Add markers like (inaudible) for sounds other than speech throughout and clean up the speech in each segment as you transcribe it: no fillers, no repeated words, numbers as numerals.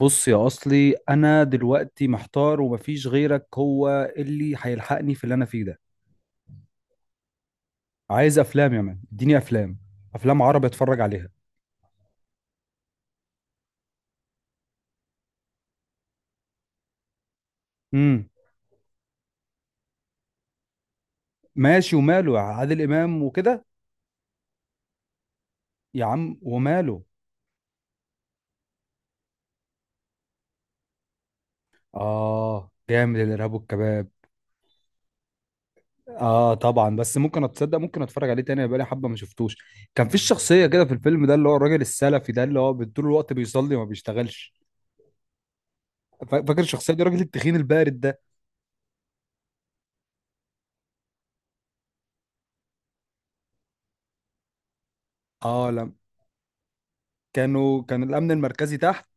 بص يا اصلي، انا دلوقتي محتار ومفيش غيرك هو اللي هيلحقني في اللي انا فيه ده. عايز افلام يا مان، اديني افلام. افلام عربي اتفرج عليها. امم ماشي وماله، يا عادل امام وكده. يا عم وماله. اه، جامد الارهاب والكباب. اه طبعا، بس ممكن اتصدق ممكن اتفرج عليه تاني، بقالي حبه ما شفتوش. كان في الشخصيه كده في الفيلم ده اللي هو الراجل السلفي ده اللي هو طول الوقت بيصلي وما بيشتغلش. فاكر الشخصيه دي، الراجل التخين البارد ده. اه لم. كان الامن المركزي تحت.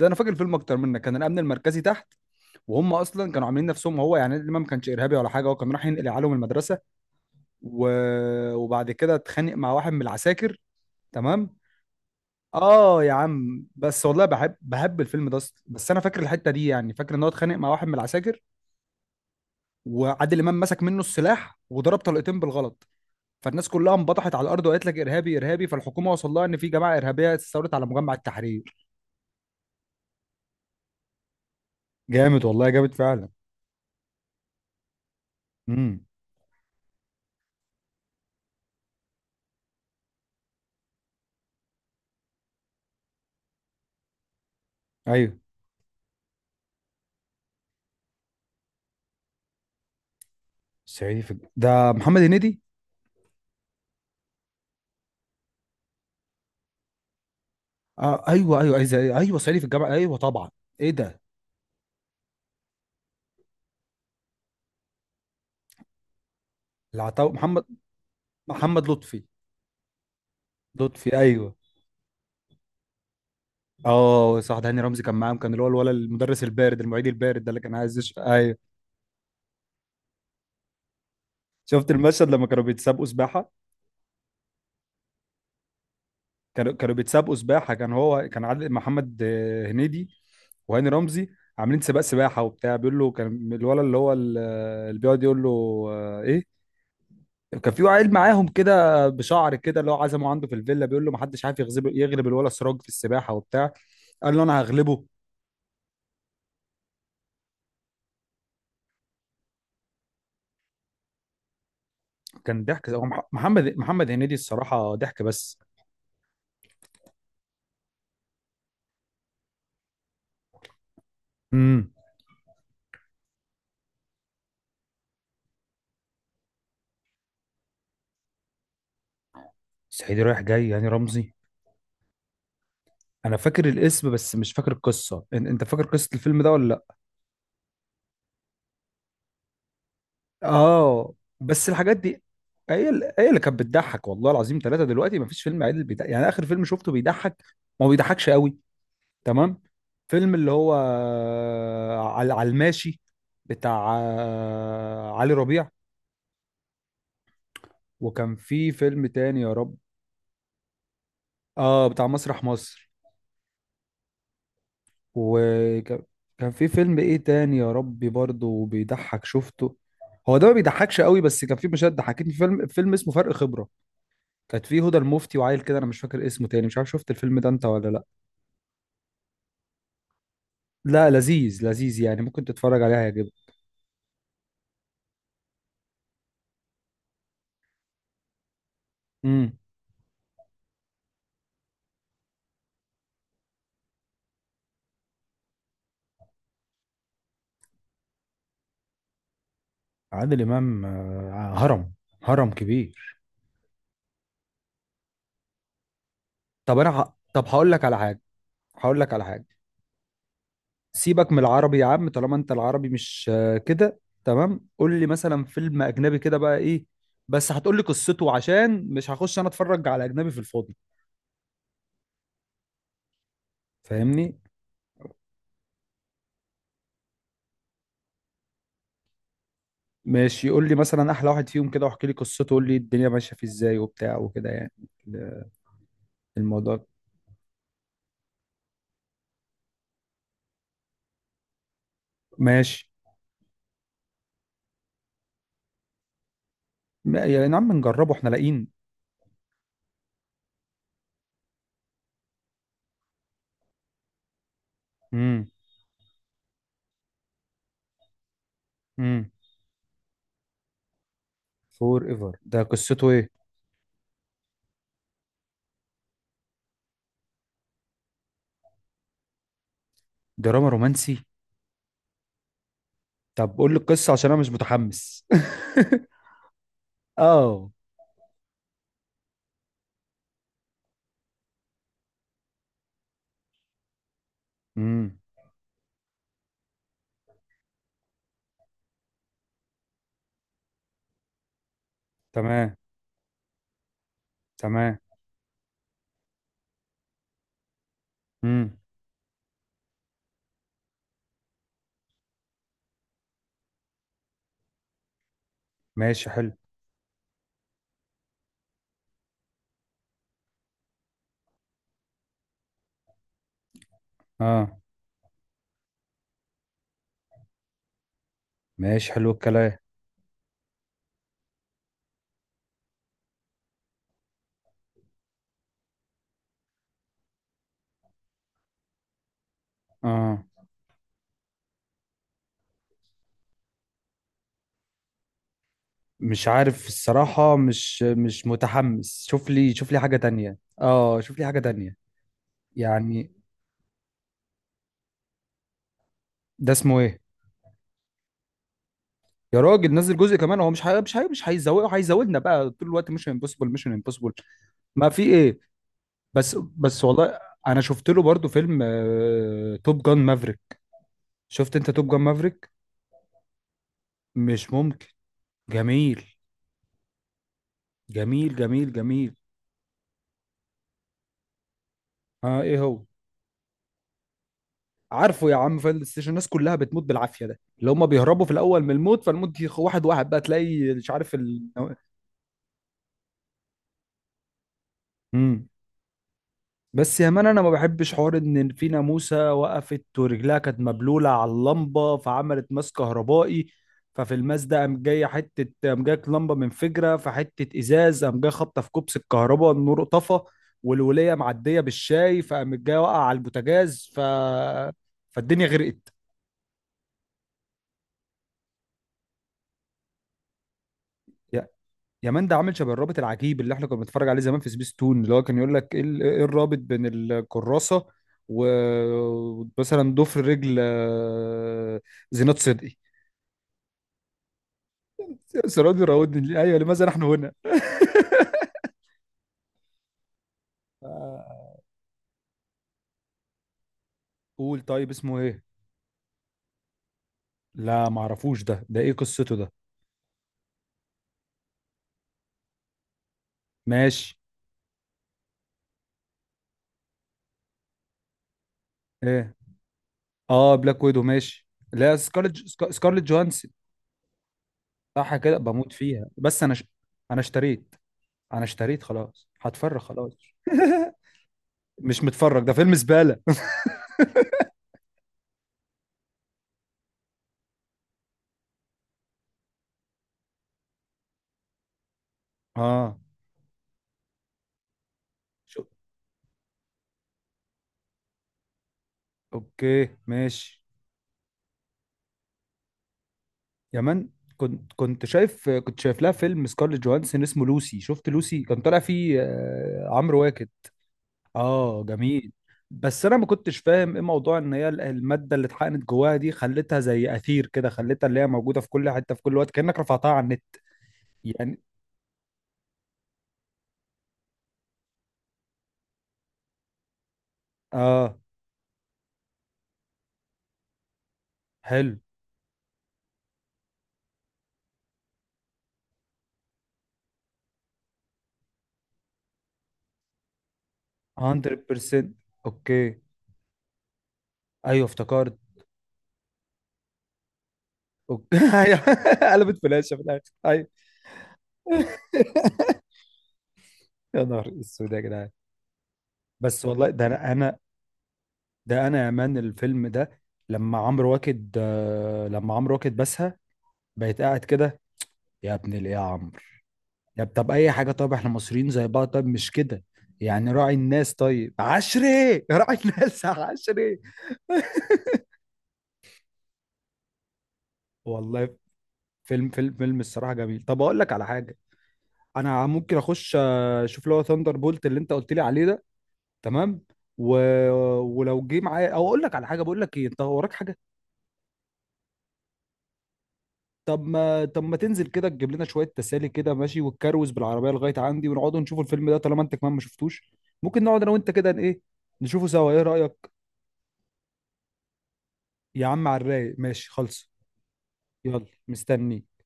ده انا فاكر الفيلم اكتر منك، كان الامن المركزي تحت. وهم اصلا كانوا عاملين نفسهم هو، يعني الامام ما كانش ارهابي ولا حاجه، هو كان رايح ينقل عليهم المدرسه. و... وبعد كده اتخانق مع واحد من العساكر. تمام. اه يا عم، بس والله بحب الفيلم ده أصلاً. بس انا فاكر الحته دي، يعني فاكر ان هو اتخانق مع واحد من العساكر، وعادل امام مسك منه السلاح وضرب طلقتين بالغلط. فالناس كلها انبطحت على الارض وقالت لك ارهابي ارهابي، فالحكومه وصل لها ان في جماعه ارهابيه استولت على مجمع التحرير. جامد والله، جامد فعلا. امم ايوه. ده محمد هنيدي. آه ايوه ايوه ايوه ايوه، صعيدي في الجامعه، ايوه طبعا. ايه ده. العطاو محمد. محمد لطفي. لطفي ايوه. اه صح، ده هاني رمزي كان معاهم، كان اللي هو الولد المدرس البارد المعيد البارد ده اللي كان عايز ايوه. شفت المشهد لما كانوا بيتسابقوا سباحه. كانوا بيتسابقوا سباحه، كان عادل، محمد هنيدي وهاني رمزي، عاملين سباق سباحه وبتاع. بيقول له كان الولد اللي هو اللي بيقعد يقول له ايه، كان في عيل معاهم كده بشعر كده اللي هو عزمه عنده في الفيلا، بيقول له ما حدش عارف يغلب، يغلب الولا سراج في السباحه وبتاع. قال له انا هغلبه. كان ضحك، هو محمد هنيدي الصراحه ضحك بس. امم صعيدي رايح جاي، يعني رمزي. انا فاكر الاسم بس مش فاكر القصه، انت فاكر قصه الفيلم ده ولا لا؟ اه، بس الحاجات دي هي اللي كانت بتضحك والله العظيم ثلاثه، دلوقتي ما فيش فيلم عادل بيضحك، يعني اخر فيلم شفته بيضحك ما هو بيضحكش قوي. تمام. فيلم اللي هو على الماشي، بتاع علي ربيع. وكان في فيلم تاني يا رب. اه بتاع مسرح مصر. وكان، كان في فيلم ايه تاني يا ربي برضه بيضحك شفته، هو ده ما بيضحكش قوي بس كان في مشاهد ضحكتني. في فيلم اسمه فرق خبرة، كانت فيه هدى المفتي وعيل كده انا مش فاكر اسمه تاني، مش عارف شفت الفيلم ده انت ولا لا. لا لذيذ، لذيذ يعني، ممكن تتفرج عليه هيعجبك. امم عادل امام هرم، هرم كبير. طب طب هقول لك على حاجه. هقول لك على حاجه. سيبك من العربي يا عم، طالما انت العربي مش كده تمام، قول لي مثلا فيلم اجنبي كده بقى ايه. بس هتقول لي قصته عشان مش هخش انا اتفرج على اجنبي في الفاضي. فاهمني. ماشي، قول لي مثلا احلى واحد فيهم كده، واحكي لي قصته قول لي الدنيا ماشيه فيه ازاي وبتاع وكده يعني ال- الموضوع. ماشي. يا نعم نجربه احنا لاقيين. امم امم فور ايفر ده قصته ايه؟ دراما رومانسي؟ طب قول لي القصه عشان انا مش متحمس. (laughs) اه. امم تمام، تمام. امم ماشي، حلو. اه، ماشي حلو الكلام. اه مش عارف الصراحة، مش متحمس، شوف لي حاجة تانية، اه، شوف لي حاجة تانية يعني. ده اسمه ايه؟ يا راجل نزل جزء كمان، هو مش هي... مش هي... مش هيزوقه هيزودنا بقى طول الوقت، مش امبوسيبل مش امبوسيبل. ما في ايه. بس والله، انا شفت له برضو فيلم توب جان مافريك. شفت انت توب جان مافريك؟ مش ممكن، جميل جميل جميل جميل. اه ايه هو؟ عارفه يا عم فاينل ديستنيشن، الناس كلها بتموت بالعافيه، ده اللي هم بيهربوا في الاول من الموت فالموت واحد واحد بقى تلاقي، مش عارف امم بس يا مان انا ما بحبش حوار ان في ناموسه وقفت ورجلها كانت مبلوله على اللمبه فعملت ماس كهربائي، ففي الماس ده قام جايه حته، قام جايه لمبه منفجره فحته ازاز، قام جايه خابطه في كوبس الكهرباء، النور طفى، والوليه معديه بالشاي فقام جايه واقع على البوتاجاز فالدنيا غرقت. يمان ده عامل شبه الرابط العجيب اللي احنا كنا بنتفرج عليه زمان في سبيس تون، اللي هو كان يقول لك ايه إيه الرابط بين الكراسه ومثلا ضفر رجل زينات صدقي. (laughs) سرادي راودني ليه؟ ايوه، لماذا نحن هنا. (laughs) آه، قول طيب اسمه ايه. لا معرفوش ده ايه قصته ده. ماشي. ايه. اه بلاك ويدو ماشي. لا سكارلت سكارلت جوهانسون. صح كده، بموت فيها، بس انا انا اشتريت انا اشتريت خلاص، هتفرغ خلاص. (laughs) مش متفرج، ده فيلم زبالة. اه شو. اوكي ماشي. يا من، كنت شايف لها فيلم سكارليت جوهانسون اسمه لوسي. شفت لوسي؟ كان طالع فيه عمرو واكد. اه جميل. بس انا ما كنتش فاهم ايه موضوع ان الماده اللي اتحقنت جواها دي خلتها زي اثير كده، خلتها اللي هي موجوده في كل حته في كل وقت، كانك رفعتها على النت يعني. اه حلو. 100%. اوكي، ايوه افتكرت. اوكي. (laughs) أيوة، قلبت فلاشه في الاخر، ايوه. (laughs) يا نهار اسود يا جدعان. بس والله، ده انا. ده انا يا مان الفيلم ده، لما عمرو واكد بسها بقيت قاعد كده، يا ابن الايه يا عمرو، يا طب اي حاجه، طب احنا مصريين زي بعض، طب مش كده يعني، راعي الناس، طيب عشري، (laughs) راعي الناس يا عشري. والله فيلم الصراحه جميل. طب اقول لك على حاجه، انا ممكن اخش اشوف اللي هو ثاندر بولت اللي انت قلت لي عليه ده. تمام. و... ولو جه معايا، او اقول لك على حاجه، بقول لك ايه، انت وراك حاجه؟ طب ما تنزل كده تجيب لنا شويه تسالي كده ماشي، وتكروز بالعربيه لغايه عندي ونقعدوا نشوفوا الفيلم ده طالما انت كمان ما شفتوش. ممكن نقعد انا وانت كده، ايه، نشوفه سوا، ايه رايك؟ يا عم على الرايق، ماشي خلص. يلا مستنيك.